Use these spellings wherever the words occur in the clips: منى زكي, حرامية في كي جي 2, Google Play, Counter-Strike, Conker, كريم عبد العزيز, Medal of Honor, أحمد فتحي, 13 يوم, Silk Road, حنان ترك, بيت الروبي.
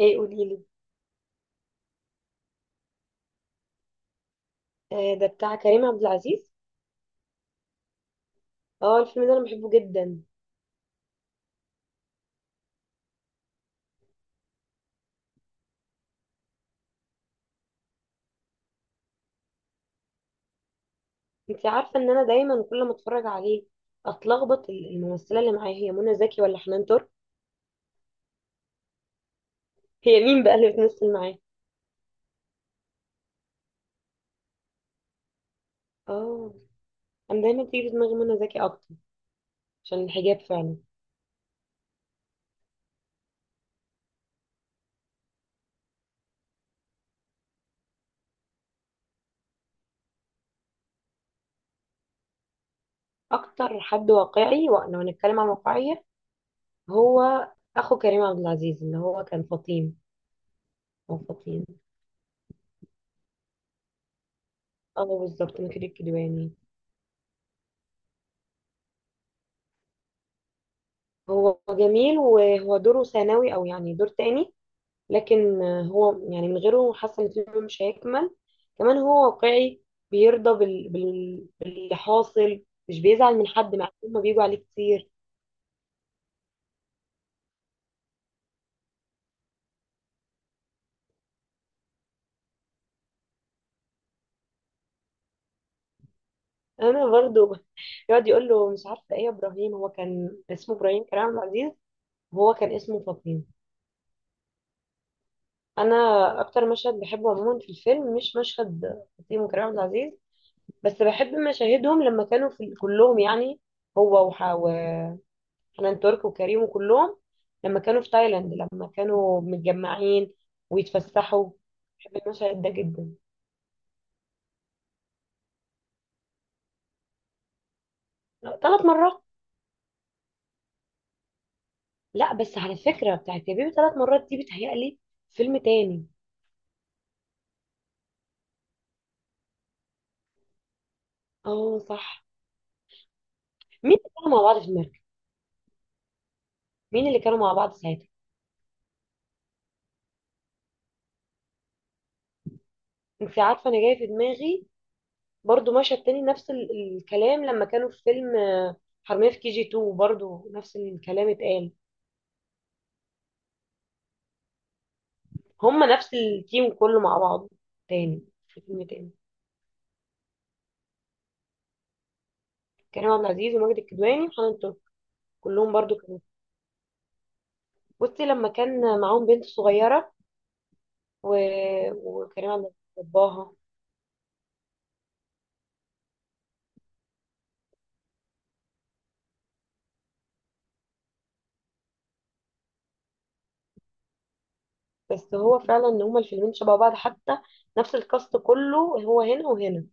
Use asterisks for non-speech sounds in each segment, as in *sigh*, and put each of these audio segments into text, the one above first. ايه؟ قوليلي. آه، ده بتاع كريم عبد العزيز. اه الفيلم ده انا بحبه جدا. انت عارفه ان انا دايما كل ما اتفرج عليه اتلخبط، الممثله اللي معايا هي منى زكي ولا حنان ترك؟ هي مين بقى اللي بتمثل معاه؟ اه، انا دايما تيجي في دماغي منى زكي اكتر عشان الحجاب فعلا. اكتر حد واقعي، ولو هنتكلم عن واقعيه، هو اخو كريم عبد العزيز اللي هو كان فطين، او فطين. اه بالظبط، مكر الكدواني. هو جميل، وهو دوره ثانوي او يعني دور تاني، لكن هو يعني من غيره حاسة ان الفيلم مش هيكمل. كمان هو واقعي، بيرضى باللي حاصل. مش بيزعل من حد مع انهم بيجوا عليه كتير. انا برضو *laughs* يقعد يقول له مش عارفه ايه يا ابراهيم، هو كان اسمه ابراهيم كريم عبد العزيز، وهو كان اسمه فطيم. انا اكتر مشهد بحبه عموما في الفيلم مش مشهد فطيم وكريم عبد العزيز، بس بحب مشاهدهم لما كانوا في كلهم يعني، هو حنان ترك وكريم وكلهم، لما كانوا في تايلاند، لما كانوا متجمعين ويتفسحوا. بحب المشهد ده جدا. ثلاث مرات. لا بس على فكرة بتاعت يا بيبي ثلاث مرات دي بتهيألي فيلم تاني. اه صح. مين اللي كانوا مع بعض في المركب؟ مين اللي كانوا مع بعض ساعتها؟ انت عارفة انا جاية في دماغي برضو مشهد تاني نفس الكلام، لما كانوا في فيلم حرامية في كي جي 2، برضو نفس الكلام اتقال. هما نفس التيم كله مع بعض تاني، في فيلم تاني. كريم عبد العزيز وماجد الكدواني وحنان ترك. كلهم برضو كانوا، بصي لما كان معاهم بنت صغيرة و... وكريم عبد العزيز باباها. بس هو فعلا ان هما الفيلمين شبه بعض حتى، نفس الكاست كله هو هنا وهنا.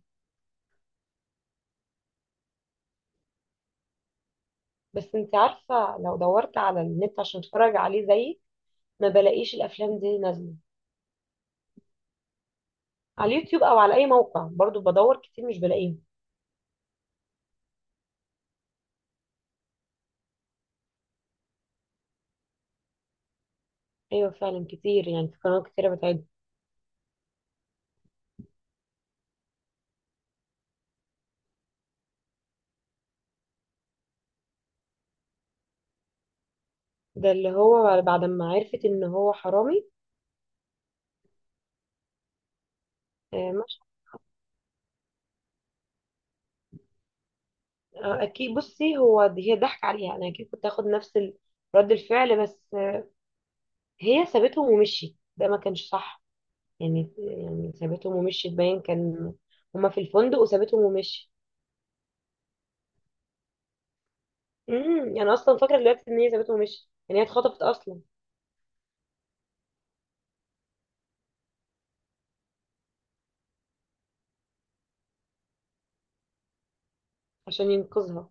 بس انت عارفة، لو دورت على النت عشان اتفرج عليه زيي ما بلاقيش الافلام دي نازلة. على اليوتيوب او على اي موقع برضو بدور كتير مش بلاقيهم. ايوه فعلا كتير، يعني في قنوات كتيرة بتعد. ده اللي هو بعد ما عرفت ان هو حرامي. آه، اكيد، بصي هو هي ضحك عليها، انا اكيد كنت هاخد نفس رد الفعل، بس هي سابتهم ومشيت، ده ما كانش صح. يعني سابتهم ومشيت، باين كان هما في الفندق وسابتهم ومشيت. امم، انا اصلا فاكره دلوقتي ان هي سابتهم ومشيت، يعني هي اتخطفت اصلا. عشان ينقذها.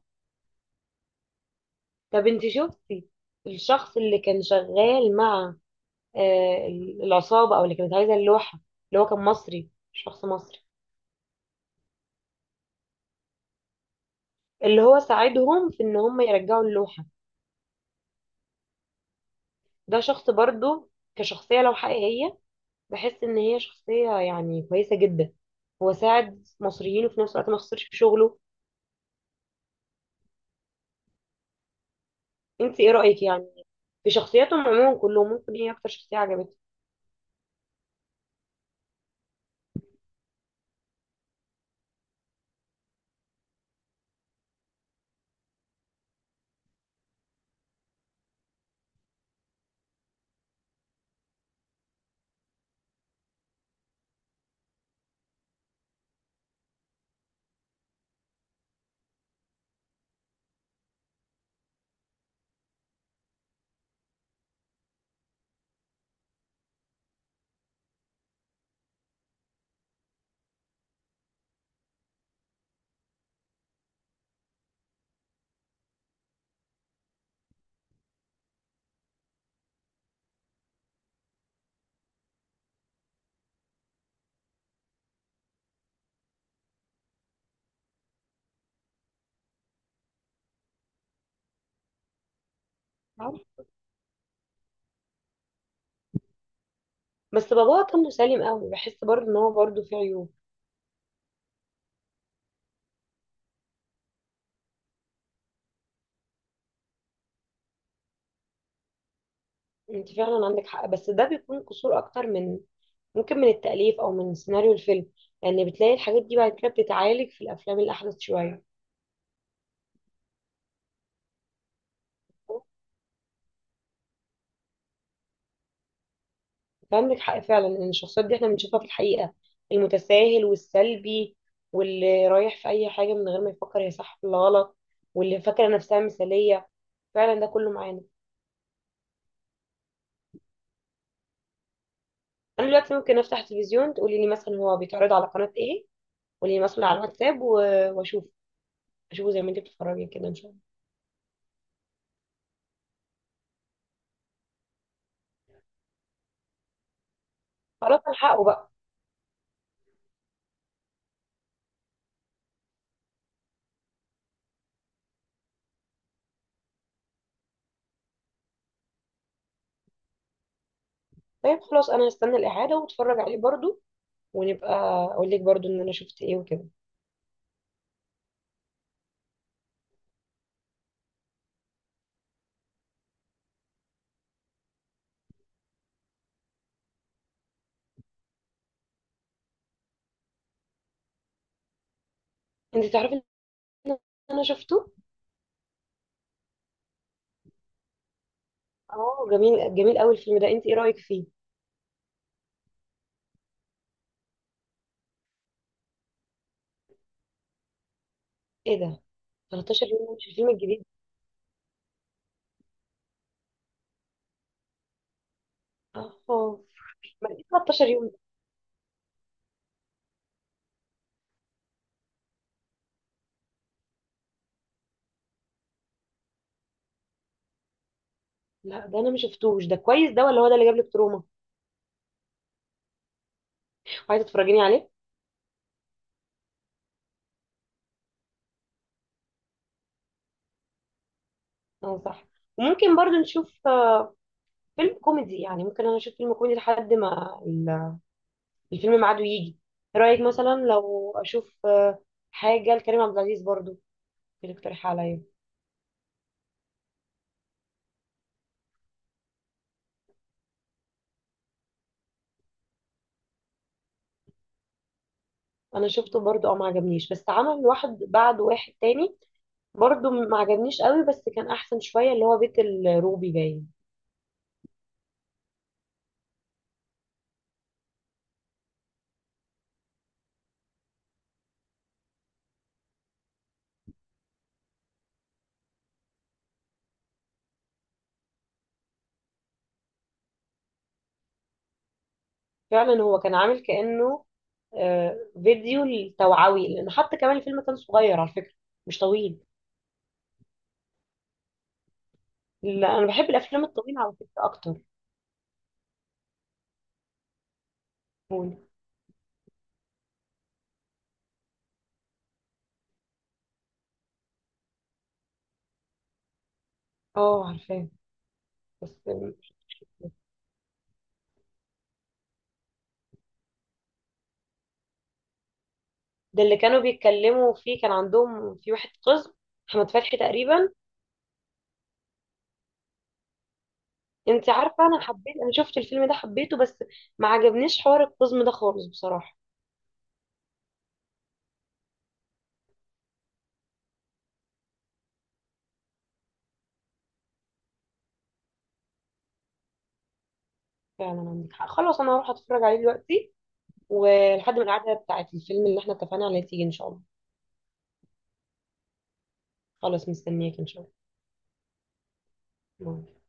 طب انت شفتي الشخص اللي كان شغال مع آه، العصابه او اللي كانت عايزه اللوحه، اللي هو كان مصري، شخص مصري، اللي هو ساعدهم في ان هم يرجعوا اللوحه؟ ده شخص برضو، كشخصية لو حقيقية، بحس ان هي شخصية يعني كويسة جدا. هو ساعد مصريين وفي نفس الوقت ما خسرش في شغله. انت ايه رأيك يعني في شخصياتهم عموما كلهم؟ ممكن ايه اكتر شخصية عجبتك؟ عارف؟ بس باباها كان مسالم قوي، بحس برضو ان هو برضو فيه عيوب. انت فعلا عندك حق، بس ده بيكون قصور اكتر من، ممكن من التأليف او من سيناريو الفيلم. يعني بتلاقي الحاجات دي بعد كده بتتعالج في الافلام الاحدث شوية. عندك حق فعلا ان الشخصيات دي احنا بنشوفها في الحقيقة، المتساهل والسلبي واللي رايح في اي حاجة من غير ما يفكر هي صح ولا غلط واللي فاكرة نفسها مثالية. فعلا ده كله معانا. انا دلوقتي ممكن افتح تلفزيون، تقولي لي مثلا هو بيتعرض على قناة ايه، قولي لي مثلا على الواتساب واشوف، اشوفه زي ما انت بتتفرجي كده ان شاء الله. خلاص هلحقه بقى. طيب خلاص، انا هستنى الاعادة واتفرج عليه برضو، ونبقى اقول لك برضو ان انا شفت ايه وكده. انت تعرفي ان انا شفته. اه جميل، جميل قوي الفيلم ده. انت ايه رايك فيه؟ ايه ده؟ 13 يوم مش الفيلم الجديد؟ اه. ما ايه 13 يوم ده؟ لا ده انا ما شفتوش، ده كويس ده ولا هو ده اللي جاب لك تروما؟ وعايزه تتفرجيني عليه؟ اه صح. وممكن برضو نشوف فيلم كوميدي، يعني ممكن انا اشوف فيلم كوميدي لحد ما الفيلم ميعاده يجي. ايه رايك مثلا لو اشوف حاجه لكريم عبد العزيز برضو، اللي اقترح عليا؟ انا شفته برضو، اه ما عجبنيش، بس عمل واحد بعد واحد تاني برضو ما عجبنيش قوي، بس كان احسن شويه اللي هو بيت الروبي باين. فعلا هو كان عامل كانه آه، فيديو التوعوي، لان حتى كمان الفيلم كان صغير على فكره، مش طويل. لا انا بحب الافلام الطويله على فكره اكتر. قول. اه عارفاه. بس ده اللي كانوا بيتكلموا فيه كان عندهم في واحد قزم، احمد فتحي تقريبا. انت عارفه انا حبيت، انا شفت الفيلم ده حبيته، بس ما عجبنيش حوار القزم ده خالص بصراحه. فعلا عندك حق. خلاص انا هروح اتفرج عليه دلوقتي، ولحد ما القعده بتاعت الفيلم اللي احنا اتفقنا عليه تيجي ان شاء الله. خلاص مستنياك ان شاء الله.